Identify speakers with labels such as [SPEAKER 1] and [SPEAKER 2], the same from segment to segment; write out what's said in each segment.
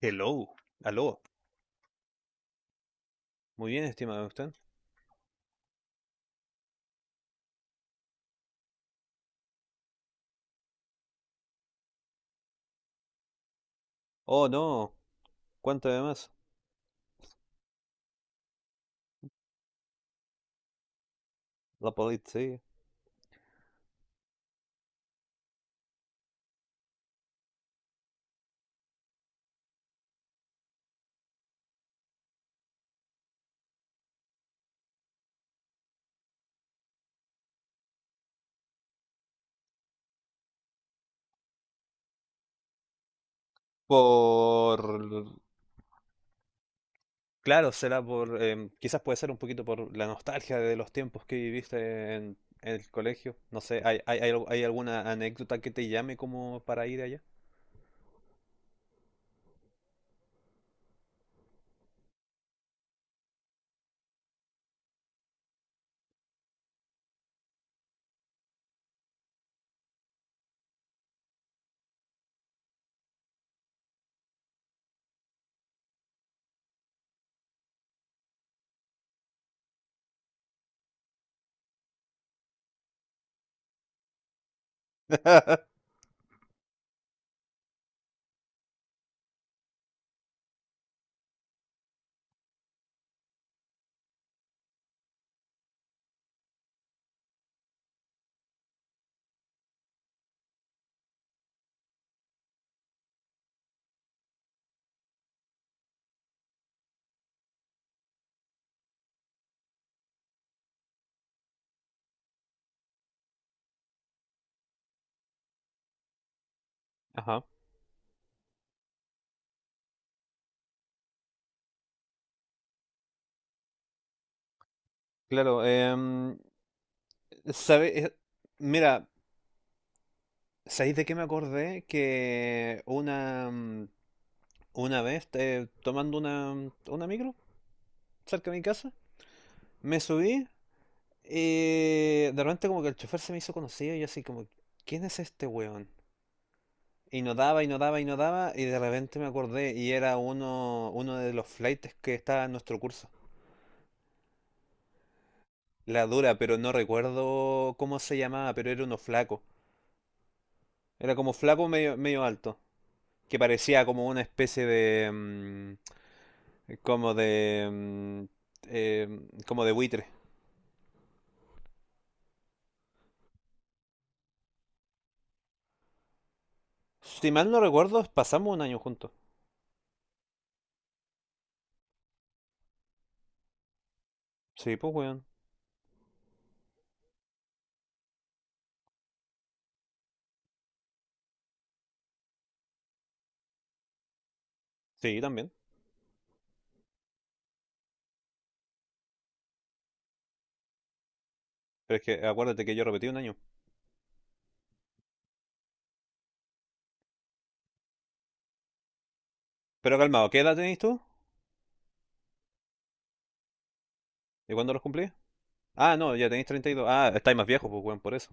[SPEAKER 1] Hello, aló, muy bien, ¿está usted? Oh, no, ¿cuánto además? La policía. Por... Claro, será por, quizás puede ser un poquito por la nostalgia de los tiempos que viviste en el colegio. No sé, ¿hay alguna anécdota que te llame como para ir allá? Ajá, claro. ¿Sabe? Mira, ¿sabéis de qué me acordé? Una vez tomando una micro cerca de mi casa, me subí. De repente como que el chofer se me hizo conocido y yo así como, ¿quién es este weón? Y no daba, y de repente me acordé y era uno de los flaites que estaba en nuestro curso. La dura, pero no recuerdo cómo se llamaba, pero era uno flaco. Era como flaco medio alto, que parecía como una especie de... como de... eh, como de buitre. Si mal no recuerdo, pasamos un año juntos. Sí, pues weón. Sí, también. Pero es que acuérdate que yo repetí un año. Pero calmado, ¿qué edad tenéis tú? ¿Y cuándo los cumplís? Ah, no, ya tenéis 32. Ah, estáis más viejos, pues, weón, por eso.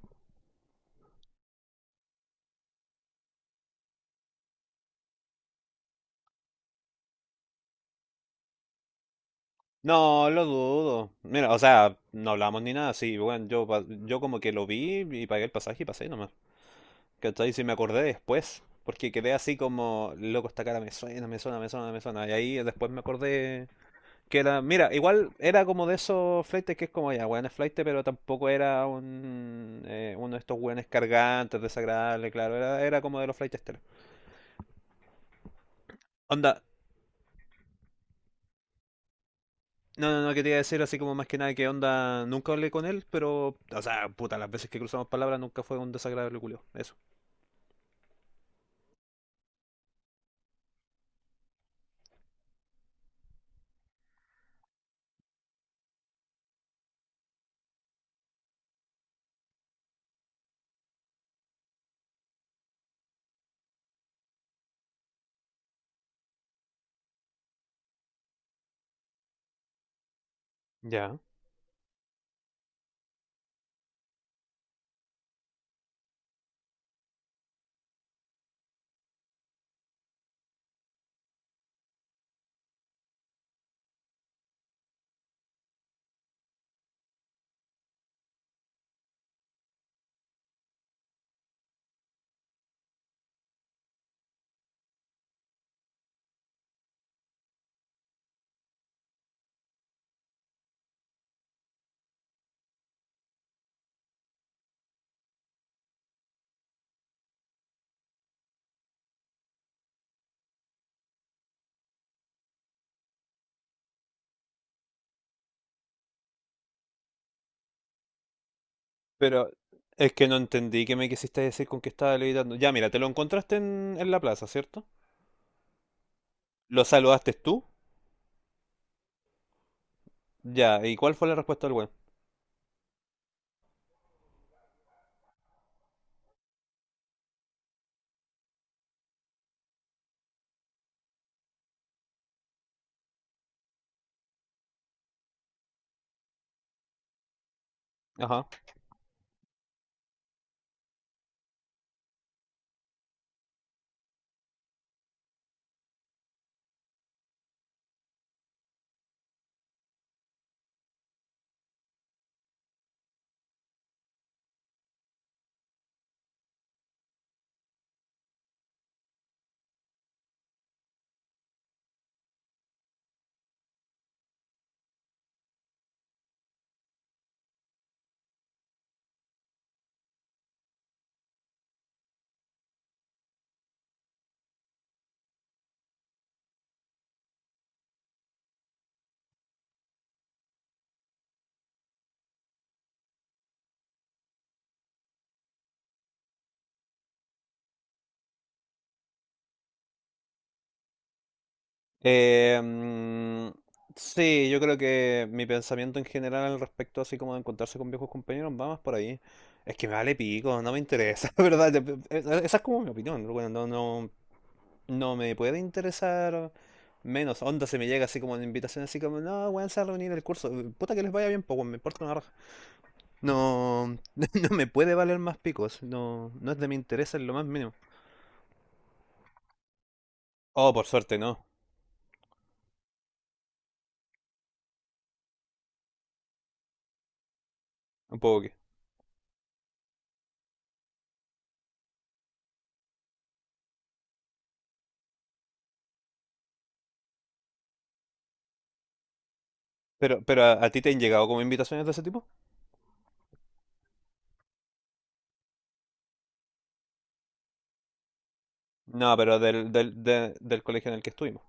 [SPEAKER 1] No, lo dudo. Mira, o sea, no hablamos ni nada, sí, weón. Yo, yo como que lo vi y pagué el pasaje y pasé nomás. ¿Cachai? Si me acordé después. Porque quedé así como, loco, esta cara me suena. Y ahí después me acordé que era. Mira, igual era como de esos flaites que es como, ya, weón, es flaite, pero tampoco era uno de estos weones cargantes, desagradables, claro. Era como de los flaites telos. Onda, No, no, no quería decir así como más que nada que onda, nunca hablé con él, pero, o sea, puta, las veces que cruzamos palabras nunca fue un desagradable culio. Eso. Ya. Pero es que no entendí qué me quisiste decir con que estaba levitando. Ya, mira, te lo encontraste en la plaza, ¿cierto? ¿Lo saludaste tú? Ya, ¿y cuál fue la respuesta del weón? Ajá. Eh, mm, sí, yo creo que mi pensamiento en general al respecto, así como de encontrarse con viejos compañeros, va más por ahí. Es que me vale pico, no me interesa, ¿verdad? Esa es como mi opinión, bueno, no me puede interesar menos. Onda se me llega así como una invitación, así como, no, weón, se va a reunir el curso. Puta que les vaya bien, pues, weón, me importa una raja. No, no me puede valer más picos. No, no es de mi interés en lo más mínimo. Oh, por suerte, no. Un poco que. Pero a ti te han llegado como invitaciones de ese tipo? No, pero del colegio en el que estuvimos.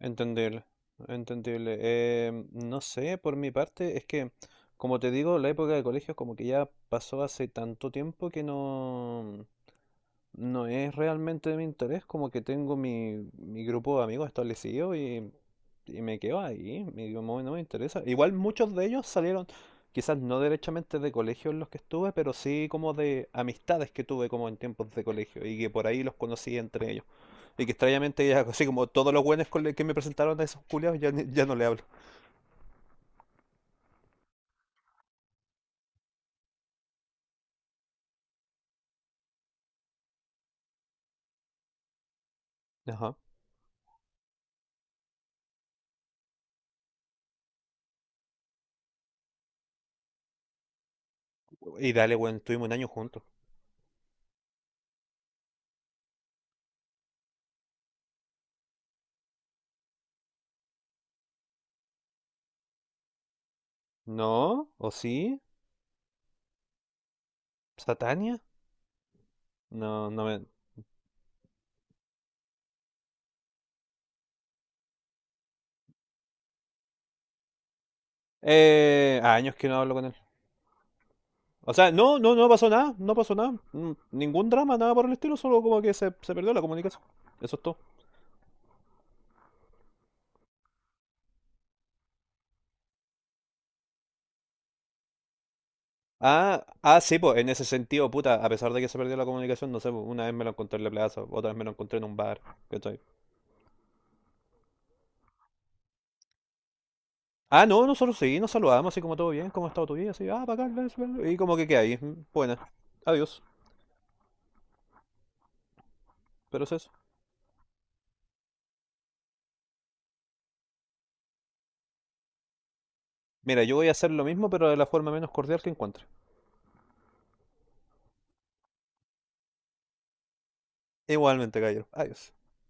[SPEAKER 1] Entendible, entendible. No sé, por mi parte, es que, como te digo, la época de colegio como que ya pasó hace tanto tiempo que no... No es realmente de mi interés, como que tengo mi grupo de amigos establecido y me quedo ahí, me- no, me no me interesa. Igual muchos de ellos salieron, quizás no derechamente de colegios en los que estuve, pero sí como de amistades que tuve como en tiempos de colegio y que por ahí los conocí entre ellos. Y que extrañamente ya, así como todos los buenos con los que me presentaron a esos culiados, ya, ya no le hablo. Ajá. Y dale, bueno, estuvimos un año juntos. ¿No? ¿O sí? ¿Satania? No, no me... años que no hablo con él. O sea, no pasó nada, no pasó nada. Mm, ningún drama, nada por el estilo, solo como que se perdió la comunicación. Eso es todo. Ah, ah, sí, pues en ese sentido, puta, a pesar de que se perdió la comunicación, no sé, pues, una vez me lo encontré en la plaza, otra vez me lo encontré en un bar, ¿cachai? Ah, no, nosotros sí, nos saludamos, así como todo bien, ¿cómo ha estado tu vida? Así, ah, bacán, eso, y como que queda ahí, mm, buena, adiós, pero es eso. Mira, yo voy a hacer lo mismo, pero de la forma menos cordial que encuentre. Igualmente, Gallo, adiós.